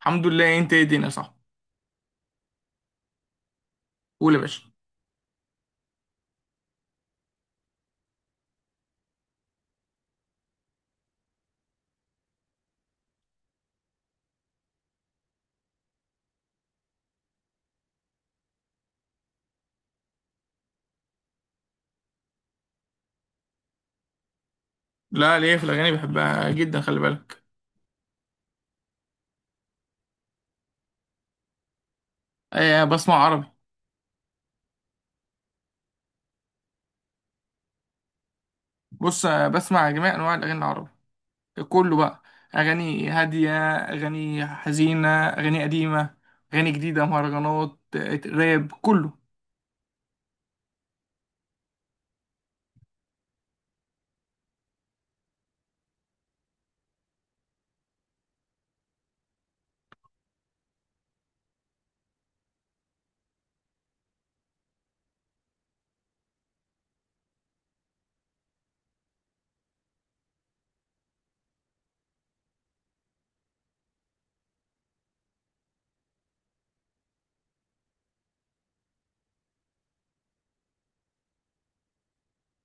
الحمد لله، انت ايه؟ الدنيا صح. قول يا باشا. لا ليه في الاغاني بحبها جدا، خلي بالك. آه، بسمع عربي. بص، بسمع جميع انواع الاغاني العربي. كله بقى، اغاني هاديه، اغاني حزينه، اغاني قديمه، اغاني جديده، مهرجانات، راب، كله.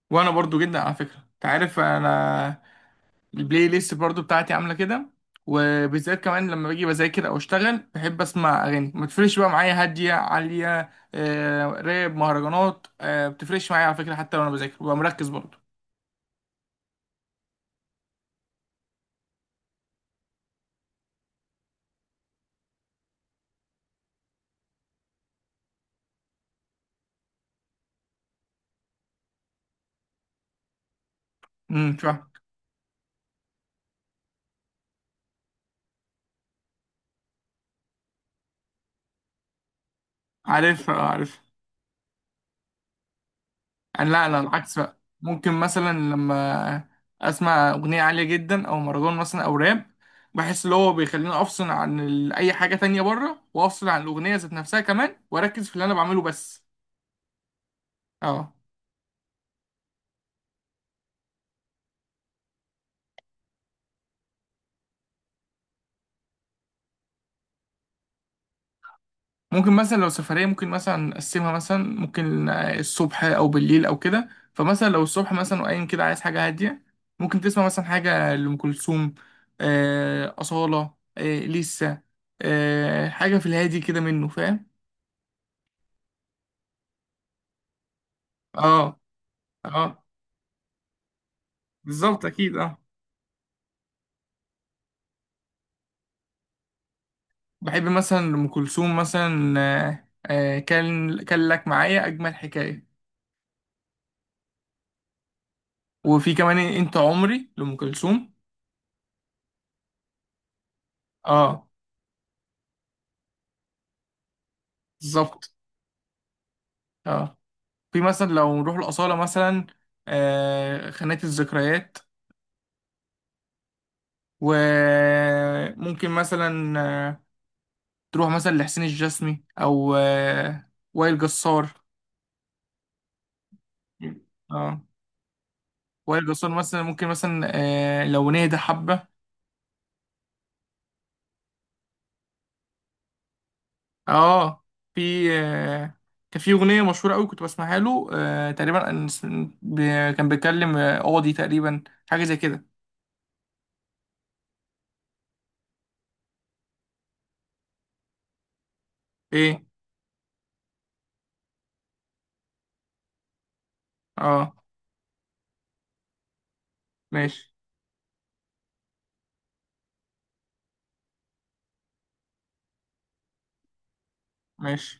وانا برضو جدا على فكره، انت عارف، انا البلاي ليست برضو بتاعتي عامله كده. وبالذات كمان لما باجي بذاكر او اشتغل بحب اسمع اغاني ما بتفرقش بقى معايا، هاديه، عاليه، راب، مهرجانات، بتفرقش معايا على فكره، حتى وانا بذاكر ببقى مركز برضو. امم، فاهم. عارف، عارف. انا لا، لا، العكس بقى، ممكن مثلا لما اسمع اغنيه عاليه جدا او مهرجان مثلا او راب بحس اللي هو بيخليني افصل عن اي حاجه تانية بره، وافصل عن الاغنيه ذات نفسها كمان، واركز في اللي انا بعمله بس. اه. ممكن مثلا لو سفرية ممكن مثلا نقسمها، مثلا ممكن الصبح أو بالليل أو كده. فمثلا لو الصبح مثلا وقايم كده عايز حاجة هادية، ممكن تسمع مثلا حاجة لأم كلثوم، أصالة، لسه، حاجة في الهادي كده، منه فاهم. اه، اه، بالظبط أكيد، اه. بحب مثلا أم كلثوم مثلا، كان لك معايا أجمل حكاية. وفي كمان إيه، أنت عمري لأم كلثوم. اه، بالظبط، اه. في مثلا لو نروح الأصالة مثلا خانات الذكريات. وممكن مثلا آه، تروح مثلا لحسين الجسمي أو وائل جسار. اه، وائل جسار مثلا ممكن مثلا لو نهدى حبة. اه، في كان في أغنية مشهورة أوي كنت بسمعها له، تقريبا ب- كان بيتكلم قاضي تقريبا، حاجة زي كده. ايه. اه. ماشي. ماشي،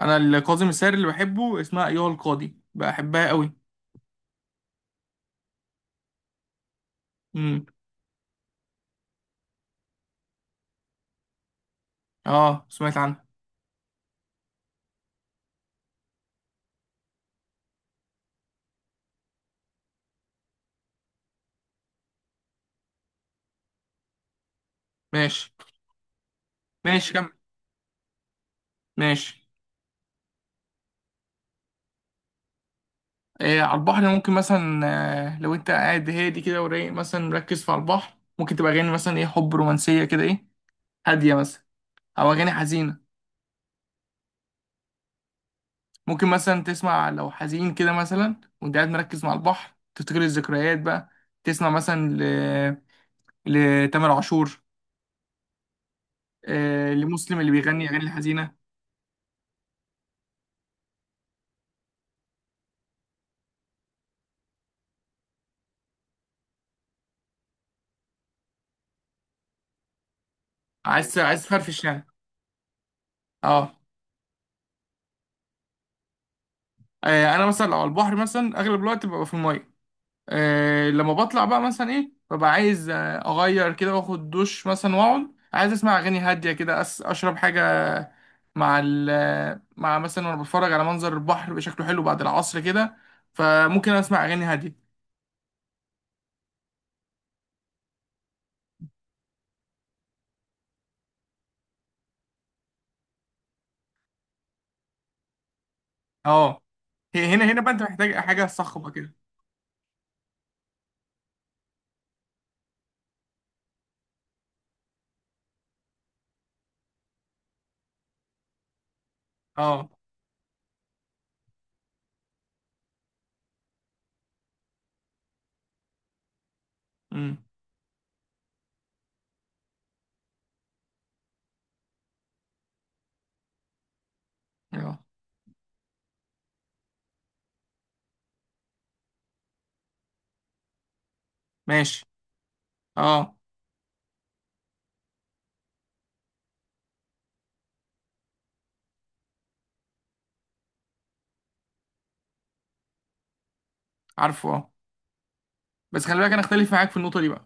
انا الكاظم الساهر اللي بحبه اسمها ايها القاضي، بحبها قوي. امم. اه، سمعت عنها. ماشي. ماشي، كمل. ماشي. إيه، على البحر ممكن مثلا لو انت قاعد هادي كده ورايق مثلا مركز في على البحر، ممكن تبقى اغاني مثلا ايه، حب، رومانسيه كده، ايه، هاديه مثلا، او اغاني حزينه. ممكن مثلا تسمع لو حزين كده مثلا وانت قاعد مركز مع البحر، تفتكر الذكريات بقى، تسمع مثلا لتامر عاشور، لمسلم اللي بيغني اغاني الحزينه. عايز تفرفش يعني. اه. انا مثلا لو على البحر مثلا اغلب الوقت ببقى في الميه. لما بطلع بقى مثلا ايه، ببقى عايز اغير كده واخد دش مثلا واقعد عايز اسمع اغاني هاديه كده، اشرب حاجه مع مع مثلا، وانا بتفرج على منظر البحر بيبقى شكله حلو بعد العصر كده، فممكن اسمع اغاني هاديه. اه، هنا هنا بقى انت محتاج حاجه صخبه كده. اه. امم. اه. ماشي. اه. عارفه، اه. بس خلي بالك، انا اختلف معاك في النقطه دي بقى.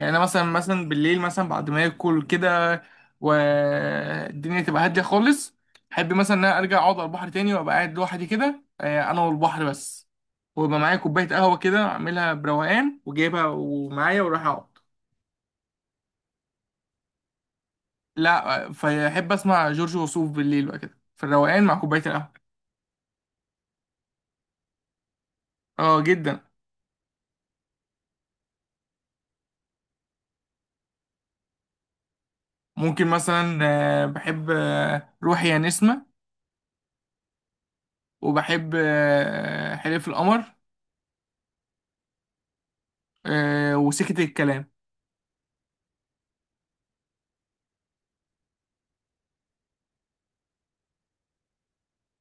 يعني انا مثلا، بالليل مثلا بعد ما اكل كده والدنيا تبقى هاديه خالص، احب مثلا ان انا ارجع اقعد على البحر تاني وابقى قاعد لوحدي كده، انا والبحر بس، ويبقى معايا كوبايه قهوه كده اعملها بروقان وجايبها ومعايا وراح اقعد. لا، فاحب اسمع جورج وسوف بالليل بقى كده في الروقان مع كوبايه القهوه. اه، جدا. ممكن مثلا بحب روحي يا نسمه، وبحب حلف القمر، وسكت الكلام.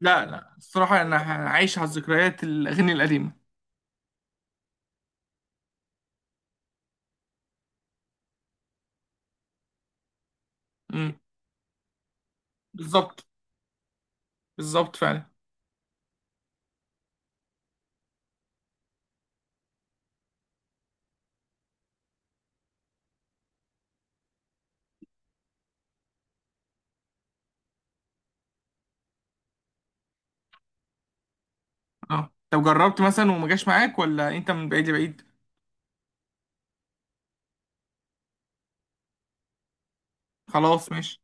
لا، لا، الصراحة أنا عايش على الذكريات، الأغاني القديمة. امم، بالظبط. بالظبط فعلا. اه، طب جربت مثلا وما جاش معاك، ولا أنت من بعيد لبعيد؟ خلاص، ماشي.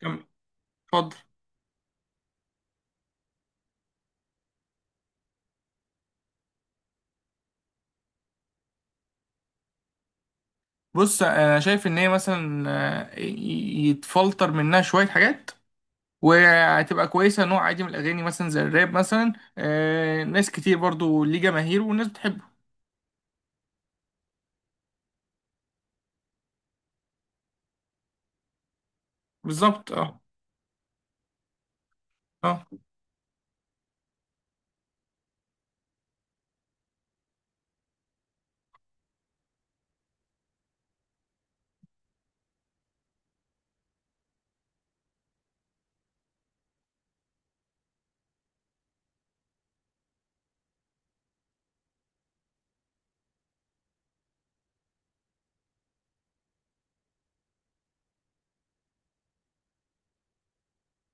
كمل. اتفضل. بص، أنا شايف إن هي مثلا يتفلتر منها شوية حاجات، وهتبقى كويسة، نوع عادي من الأغاني مثلا زي الراب مثلا. ناس كتير برضو ليه جماهير، والناس بتحبه. بالظبط، اه. اه،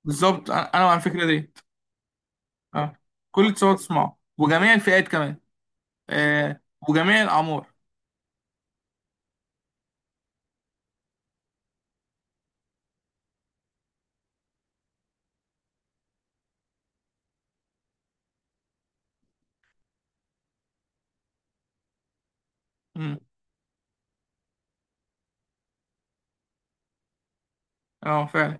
بالظبط، أنا مع الفكرة ديت. اه، كل تصور تسمعه، وجميع الفئات كمان. آه، وجميع الأعمار. مم. اه، فعلا.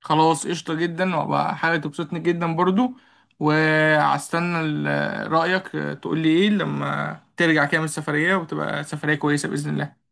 خلاص، قشطة جدا، وبقى حاجة تبسطني جدا برضو. وهستنى رأيك، تقولي ايه لما ترجع كده من السفرية، وتبقى سفرية كويسة بإذن الله.